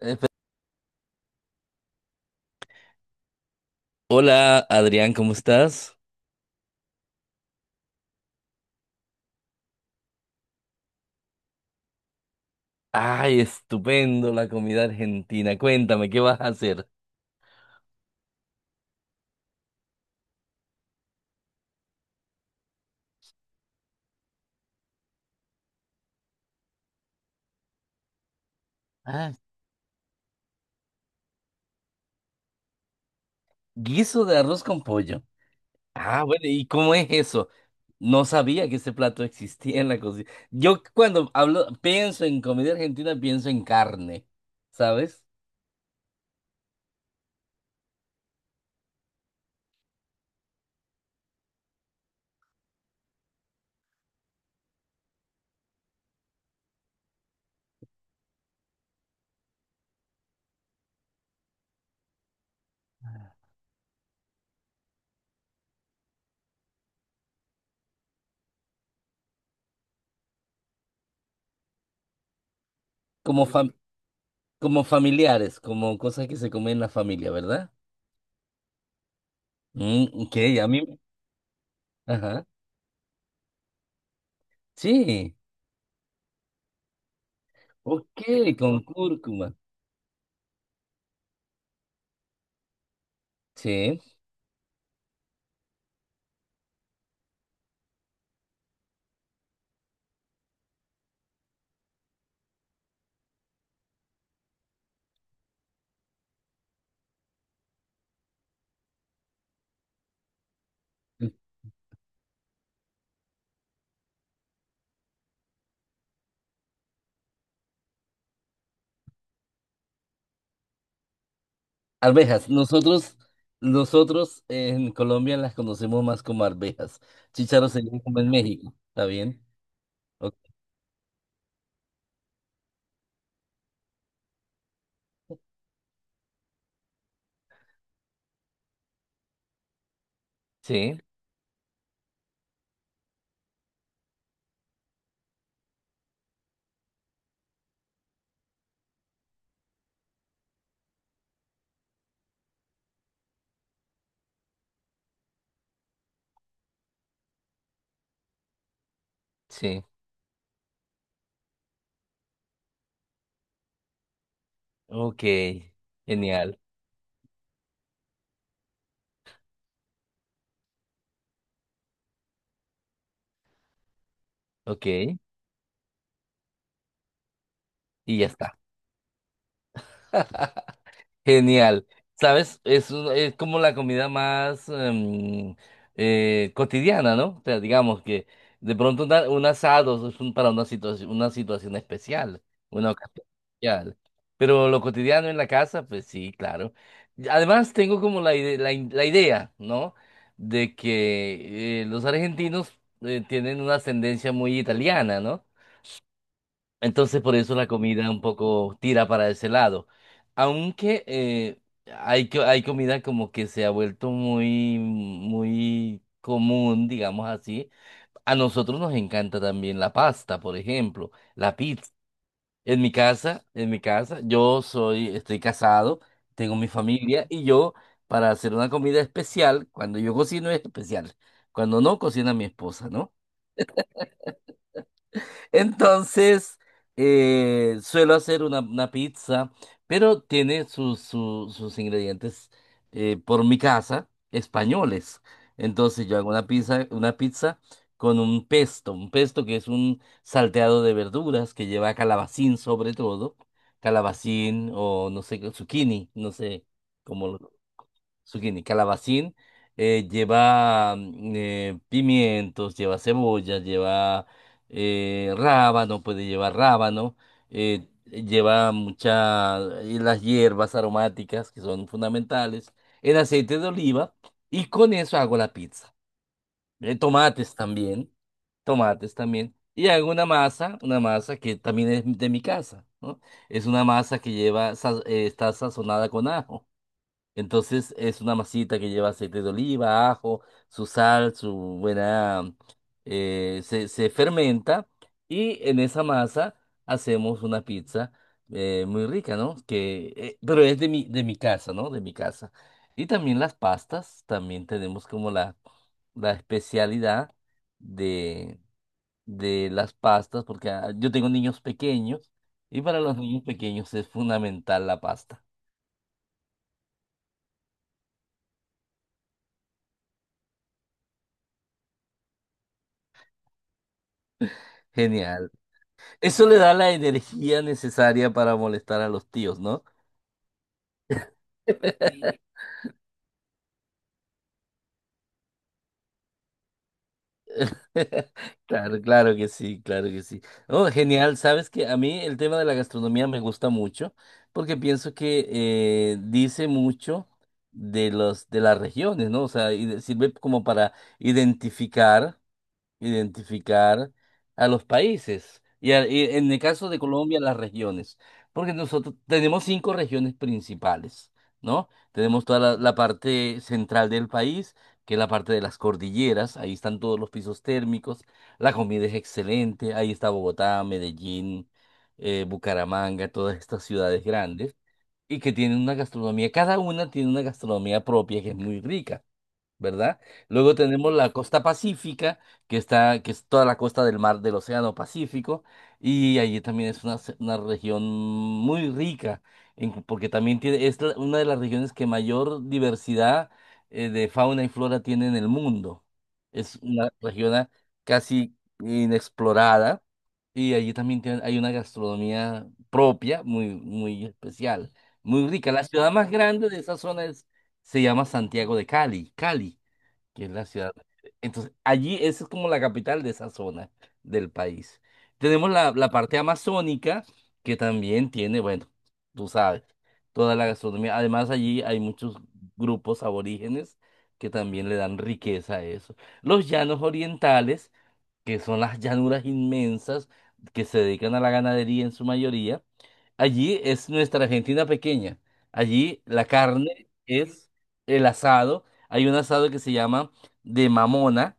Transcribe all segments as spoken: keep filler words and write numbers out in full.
Eh, pe- Hola Adrián, ¿cómo estás? Ay, estupendo la comida argentina. Cuéntame, ¿qué vas a hacer? Ah, guiso de arroz con pollo. Ah, bueno, ¿y cómo es eso? No sabía que ese plato existía en la cocina. Yo cuando hablo, pienso en comida argentina, pienso en carne, ¿sabes? Como fam- Como familiares, como cosas que se comen en la familia, ¿verdad? Mm, ok, a mí, ajá, sí, ok, con cúrcuma, sí. Arvejas, nosotros, nosotros en Colombia las conocemos más como arvejas. Chícharos sería como en México, ¿está bien? Ok. Sí, sí. Ok, genial. Ok, y ya está. Genial. ¿Sabes? Es, un- es como la comida más em, eh, cotidiana, ¿no? O sea, digamos que de pronto una- un asado es un- para una situación, una situación especial, una ocasión especial. Pero lo cotidiano en la casa, pues sí, claro. Y además, tengo como la, ide- la, in- la idea, ¿no? De que eh, los argentinos eh, tienen una ascendencia muy italiana, ¿no? Entonces por eso la comida un poco tira para ese lado. Aunque eh, hay, co- hay comida como que se ha vuelto muy, muy común, digamos así. A nosotros nos encanta también la pasta, por ejemplo, la pizza. En mi casa, en mi casa, yo soy, estoy casado, tengo mi familia y yo para hacer una comida especial, cuando yo cocino es especial, cuando no cocina mi esposa, ¿no? Entonces, eh, suelo hacer una, una pizza, pero tiene sus, su- sus ingredientes eh, por mi casa, españoles. Entonces, yo hago una pizza, una pizza con un pesto, un pesto que es un salteado de verduras que lleva calabacín sobre todo, calabacín o no sé, zucchini, no sé cómo lo zucchini, calabacín, eh, lleva mm, eh, pimientos, lleva cebolla, lleva eh, rábano, puede llevar rábano, eh, lleva muchas, las hierbas aromáticas que son fundamentales, el aceite de oliva y con eso hago la pizza. Eh, tomates también, tomates también. Y hago una masa, una masa que también es de mi casa, ¿no? Es una masa que lleva, sa- eh, está sazonada con ajo. Entonces es una masita que lleva aceite de oliva, ajo, su sal, su buena. Eh, se, se fermenta y en esa masa hacemos una pizza eh, muy rica, ¿no? Que, eh, pero es de mi, de mi casa, ¿no? De mi casa. Y también las pastas, también tenemos como la, la especialidad de, de las pastas, porque ah, yo tengo niños pequeños y para los niños pequeños es fundamental la pasta. Genial. Eso le da la energía necesaria para molestar a los tíos, ¿no? Claro, claro que sí, claro que sí. Oh, genial, sabes que a mí el tema de la gastronomía me gusta mucho porque pienso que eh, dice mucho de los de las regiones, ¿no? O sea, y de- sirve como para identificar. identificar a los países y, a- y en el caso de Colombia las regiones, porque nosotros tenemos cinco regiones principales, ¿no? Tenemos toda la, la parte central del país, que es la parte de las cordilleras, ahí están todos los pisos térmicos, la comida es excelente, ahí está Bogotá, Medellín, eh, Bucaramanga, todas estas ciudades grandes. Y que tienen una gastronomía, cada una tiene una gastronomía propia que es muy rica. ¿Verdad? Luego tenemos la costa pacífica, que está, que es toda la costa del mar del Océano Pacífico, y allí también es una, se- una región muy rica, en- porque también tiene, es la- una de las regiones que mayor diversidad eh, de fauna y flora tiene en el mundo. Es una región a- casi inexplorada, y allí también tiene- hay una gastronomía propia, muy, muy especial, muy rica. La ciudad más grande de esa zona es, se llama Santiago de Cali, Cali que es la ciudad. Entonces, allí esa es como la capital de esa zona del país. Tenemos la, la parte amazónica, que también tiene, bueno, tú sabes, toda la gastronomía. Además, allí hay muchos grupos aborígenes que también le dan riqueza a eso. Los llanos orientales, que son las llanuras inmensas que se dedican a la ganadería en su mayoría. Allí es nuestra Argentina pequeña. Allí la carne es el asado. Hay un asado que se llama de mamona,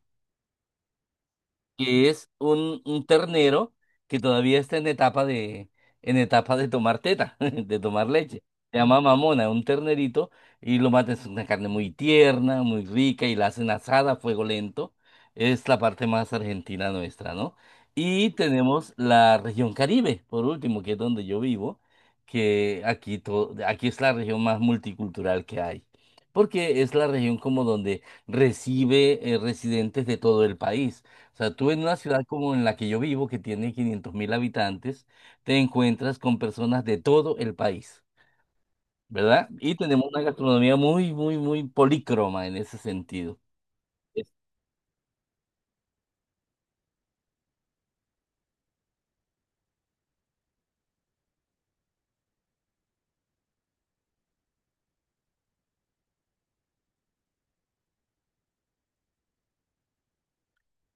que es un, un ternero que todavía está en etapa de, en etapa de tomar teta, de tomar leche. Se llama mamona, un ternerito, y lo matan. Es una carne muy tierna, muy rica, y la hacen asada a fuego lento. Es la parte más argentina nuestra, ¿no? Y tenemos la región Caribe, por último, que es donde yo vivo, que aquí, to- aquí es la región más multicultural que hay, porque es la región como donde recibe eh, residentes de todo el país. O sea, tú en una ciudad como en la que yo vivo, que tiene quinientos mil habitantes, te encuentras con personas de todo el país, ¿verdad? Y tenemos una gastronomía muy, muy, muy polícroma en ese sentido. Es-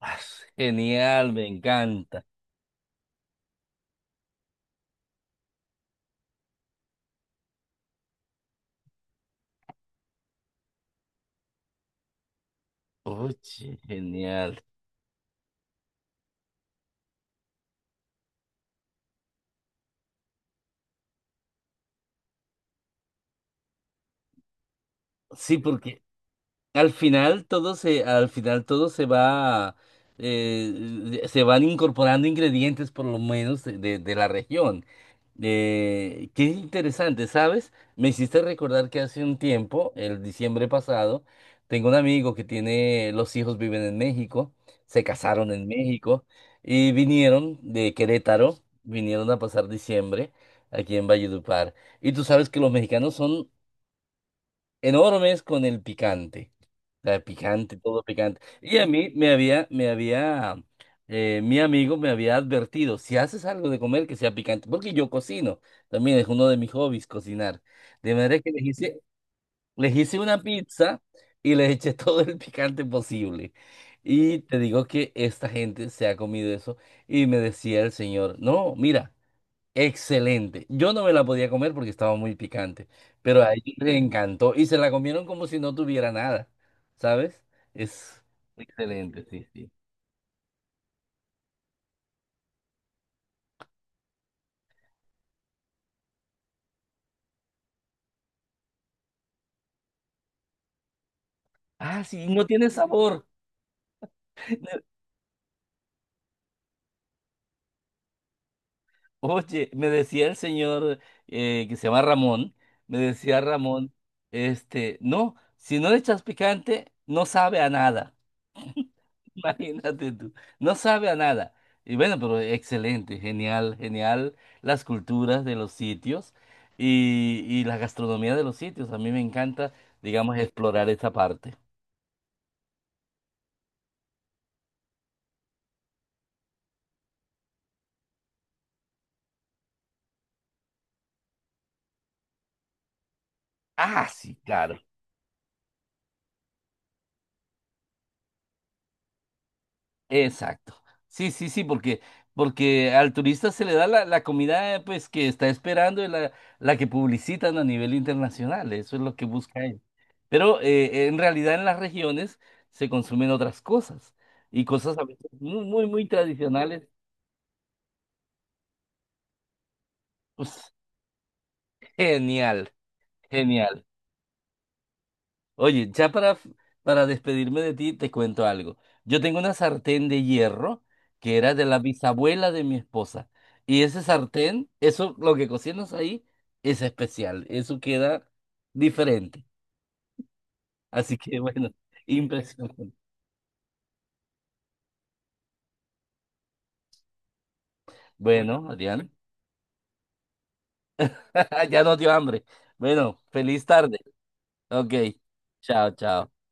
ah, genial, me encanta. Oye, genial. Sí, porque Al final todo se, al final todo se va, eh, eh, se van incorporando ingredientes por lo menos de, de- de la región. Eh, qué interesante, ¿sabes? Me hiciste recordar que hace un tiempo, el diciembre pasado, tengo un amigo que tiene, los hijos viven en México, se casaron en México y vinieron de Querétaro, vinieron a pasar diciembre aquí en Valledupar. Y tú sabes que los mexicanos son enormes con el picante. La de picante, todo picante. Y a mí me había, me había, eh, mi amigo me había advertido, si haces algo de comer que sea picante, porque yo cocino, también es uno de mis hobbies cocinar. De manera que les hice, les hice una pizza y les eché todo el picante posible. Y te digo que esta gente se ha comido eso y me decía el señor, no, mira. Excelente. Yo no me la podía comer porque estaba muy picante, pero a ellos les encantó y se la comieron como si no tuviera nada, ¿sabes? Es excelente, sí, sí. Ah, sí, no tiene sabor. Oye, me decía el señor eh, que se llama Ramón, me decía Ramón, este, no, si no le echas picante, no sabe a nada. Imagínate tú, no sabe a nada. Y bueno, pero excelente, genial, genial las culturas de los sitios y, y la gastronomía de los sitios. A mí me encanta, digamos, explorar esa parte. Ah, sí, claro. Exacto. Sí, sí, sí, porque, porque al turista se le da la, la comida eh, pues que está esperando y la, la que publicitan a nivel internacional. Eso es lo que busca él. Pero eh, en realidad en las regiones se consumen otras cosas y cosas a veces muy, muy, muy tradicionales. Pues, genial, genial. Oye, ya para, para despedirme de ti, te cuento algo. Yo tengo una sartén de hierro que era de la bisabuela de mi esposa. Y ese sartén, eso, lo que cocinas ahí, es especial. Eso queda diferente. Así que bueno, impresionante. Bueno, Adrián, ya no dio hambre. Bueno, feliz tarde. Ok, chao, chao.